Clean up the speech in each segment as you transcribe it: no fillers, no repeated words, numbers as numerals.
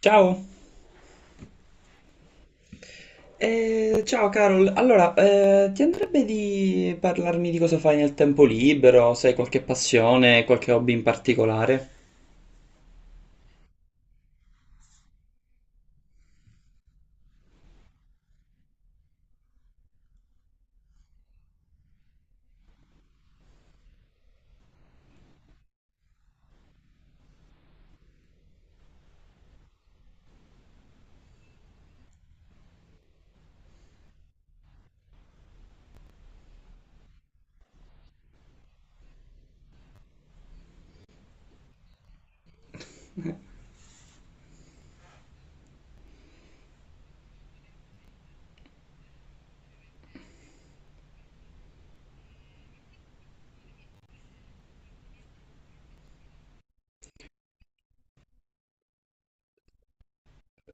Ciao. Ciao Carol. Allora, ti andrebbe di parlarmi di cosa fai nel tempo libero? Se hai qualche passione, qualche hobby in particolare?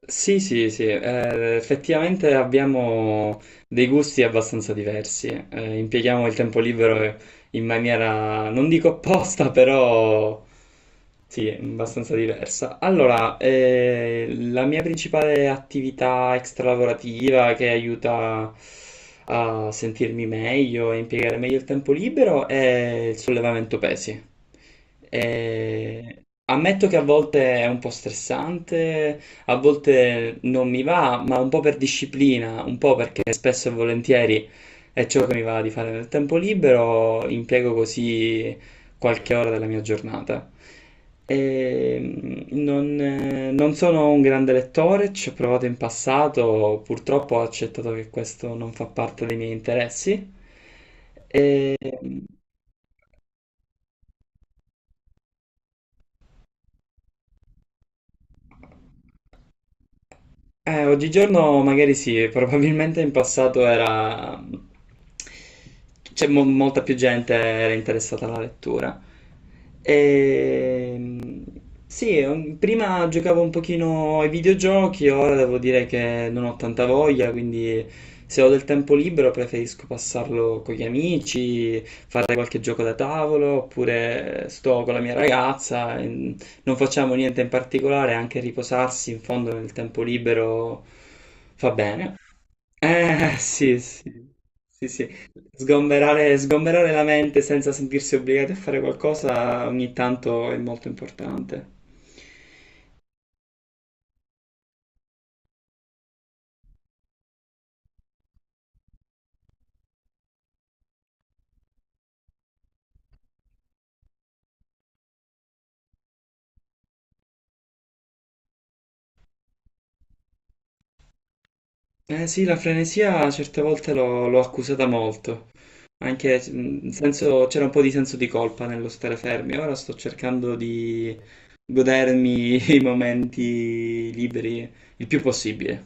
Sì, sì, sì, effettivamente abbiamo dei gusti abbastanza diversi, impieghiamo il tempo libero in maniera, non dico opposta, però sì, abbastanza diversa. Allora, la mia principale attività extralavorativa che aiuta a sentirmi meglio e impiegare meglio il tempo libero è il sollevamento pesi. Eh, Ammetto che a volte è un po' stressante, a volte non mi va, ma un po' per disciplina, un po' perché spesso e volentieri è ciò che mi va di fare nel tempo libero, impiego così qualche ora della mia giornata. E, non, non sono un grande lettore, ci ho provato in passato, purtroppo ho accettato che questo non fa parte dei miei interessi. E, oggigiorno magari sì, probabilmente in passato era molta più gente era interessata alla lettura. Ehm, Sì, prima giocavo un pochino ai videogiochi, ora devo dire che non ho tanta voglia, quindi se ho del tempo libero preferisco passarlo con gli amici, fare qualche gioco da tavolo, oppure sto con la mia ragazza, e non facciamo niente in particolare, anche riposarsi in fondo nel tempo libero fa bene. Sì, sì, sì, sì. Sgomberare, sgomberare la mente senza sentirsi obbligati a fare qualcosa ogni tanto è molto importante. Eh sì, la frenesia certe volte l'ho accusata molto, anche c'era un po' di senso di colpa nello stare fermi, ora sto cercando di godermi i momenti liberi il più possibile.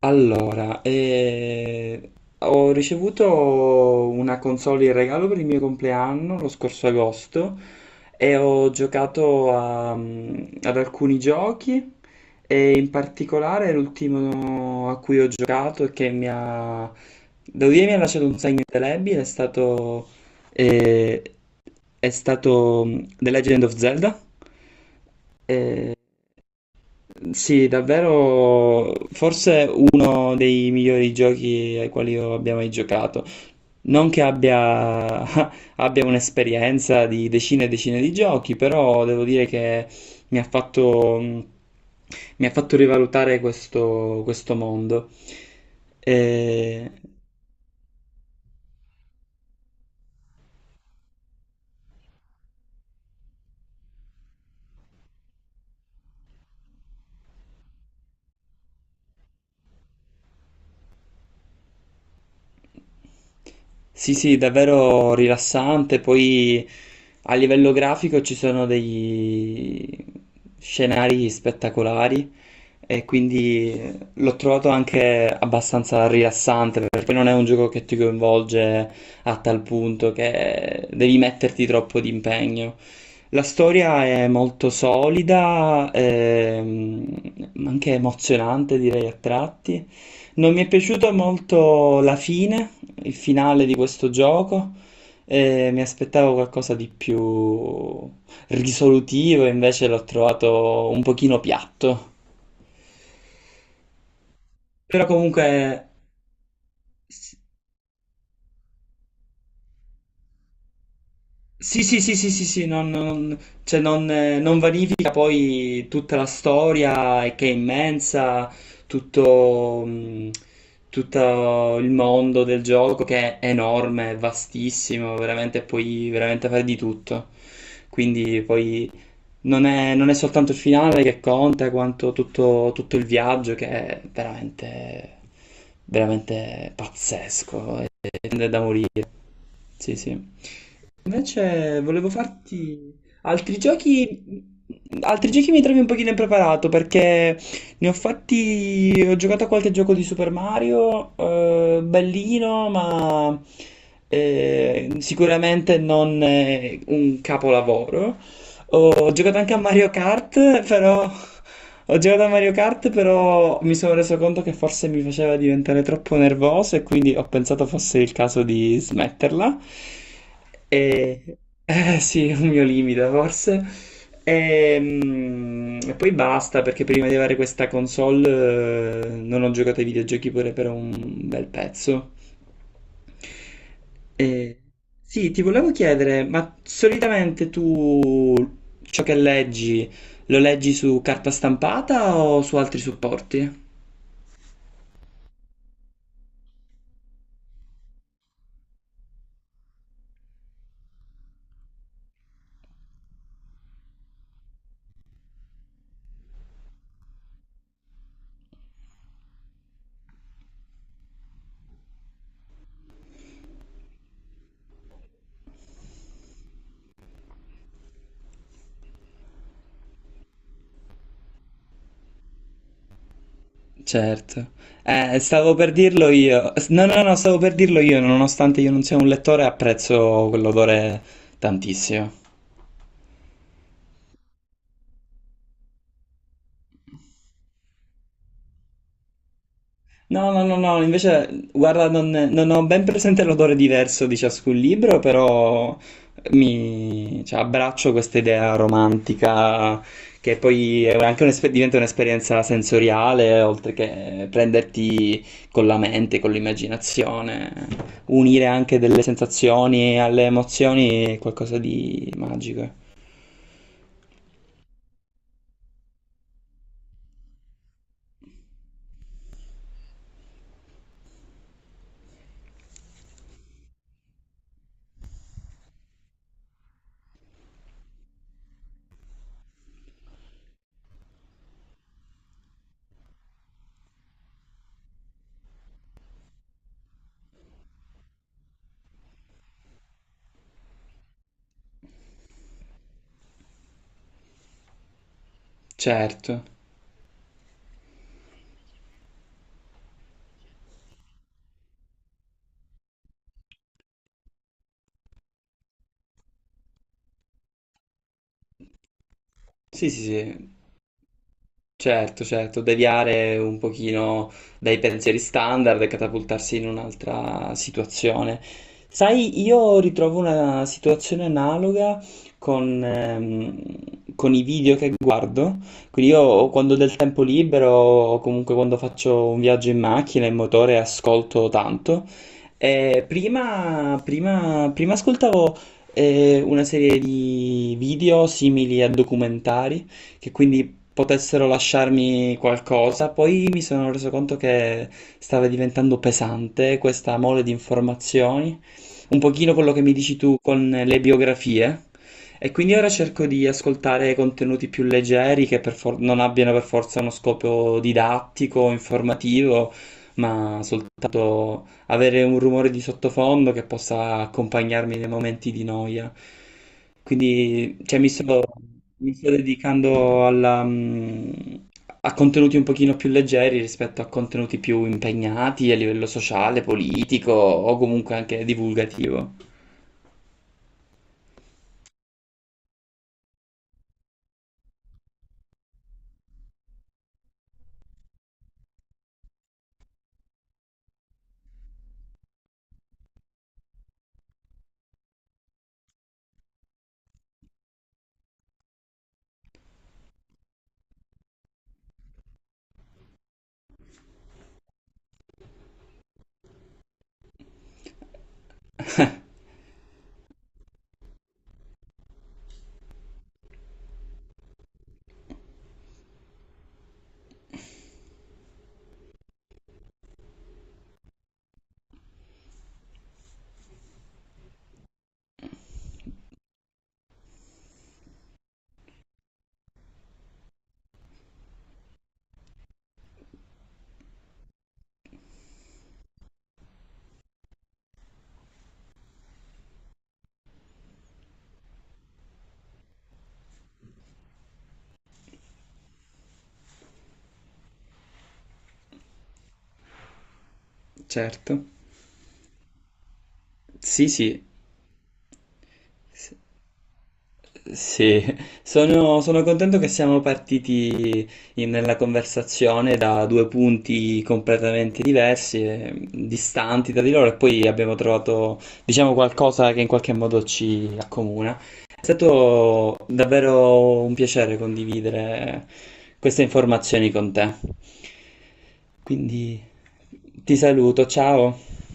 Allora, ho ricevuto una console in regalo per il mio compleanno lo scorso agosto e ho giocato ad alcuni giochi e in particolare l'ultimo a cui ho giocato e che mi ha, devo dire, mi ha lasciato un segno indelebile eh, è stato The Legend of Zelda. Sì, davvero forse uno dei migliori giochi ai quali io abbia mai giocato. Non che abbia, abbia un'esperienza di decine e decine di giochi, però devo dire che mi ha fatto rivalutare questo mondo. E sì, sì, davvero rilassante. Poi a livello grafico ci sono degli scenari spettacolari e quindi l'ho trovato anche abbastanza rilassante perché non è un gioco che ti coinvolge a tal punto che devi metterti troppo di impegno. La storia è molto solida, ma anche emozionante, direi a tratti. Non mi è piaciuta molto la fine, il finale di questo gioco, e mi aspettavo qualcosa di più risolutivo, invece l'ho trovato un pochino piatto. Però comunque sì, sì, sì, sì, sì, sì, cioè non, non vanifica poi tutta la storia che è immensa, tutto, tutto il mondo del gioco che è enorme, è vastissimo, veramente puoi veramente fare di tutto. Quindi poi non è soltanto il finale che conta, quanto tutto, tutto il viaggio che è veramente, veramente pazzesco, è da morire. Sì, sì. Invece volevo farti altri giochi. Altri giochi mi trovi un pochino impreparato perché ne ho fatti. Ho giocato a qualche gioco di Super Mario, bellino, ma sicuramente non un capolavoro. ho giocato anche a Mario Kart, però ho giocato a Mario Kart, però mi sono reso conto che forse mi faceva diventare troppo nervoso e quindi ho pensato fosse il caso di smetterla. E sì, è un mio limite forse. E, e poi basta, perché prima di avere questa console, non ho giocato ai videogiochi pure per un bel pezzo. Eh, sì, ti volevo chiedere, ma solitamente tu ciò che leggi lo leggi su carta stampata o su altri supporti? Certo. Stavo per dirlo io. No, no, no, stavo per dirlo io, nonostante io non sia un lettore, apprezzo quell'odore tantissimo. No, no, no, no, invece, guarda, non, non ho ben presente l'odore diverso di ciascun libro, però mi cioè, abbraccio questa idea romantica che poi è anche diventa un'esperienza sensoriale, oltre che prenderti con la mente, con l'immaginazione, unire anche delle sensazioni alle emozioni è qualcosa di magico. Certo. Sì, sì, sì. Certo, certo, deviare un pochino dai pensieri standard e catapultarsi in un'altra situazione. Sai, io ritrovo una situazione analoga con, ehm, con i video che guardo, quindi io quando ho del tempo libero o comunque quando faccio un viaggio in macchina, in motore, ascolto tanto. Prima ascoltavo una serie di video simili a documentari che quindi potessero lasciarmi qualcosa. Poi mi sono reso conto che stava diventando pesante questa mole di informazioni, un pochino quello che mi dici tu con le biografie. E quindi ora cerco di ascoltare contenuti più leggeri che non abbiano per forza uno scopo didattico, informativo, ma soltanto avere un rumore di sottofondo che possa accompagnarmi nei momenti di noia. Quindi, cioè, mi sto dedicando alla, a contenuti un pochino più leggeri rispetto a contenuti più impegnati a livello sociale, politico o comunque anche divulgativo. Certo. Sì, sì. Sì, sono, sono contento che siamo partiti nella conversazione da due punti completamente diversi e distanti tra di loro, e poi abbiamo trovato, diciamo, qualcosa che in qualche modo ci accomuna. È stato davvero un piacere condividere queste informazioni con te. Quindi ti saluto, ciao.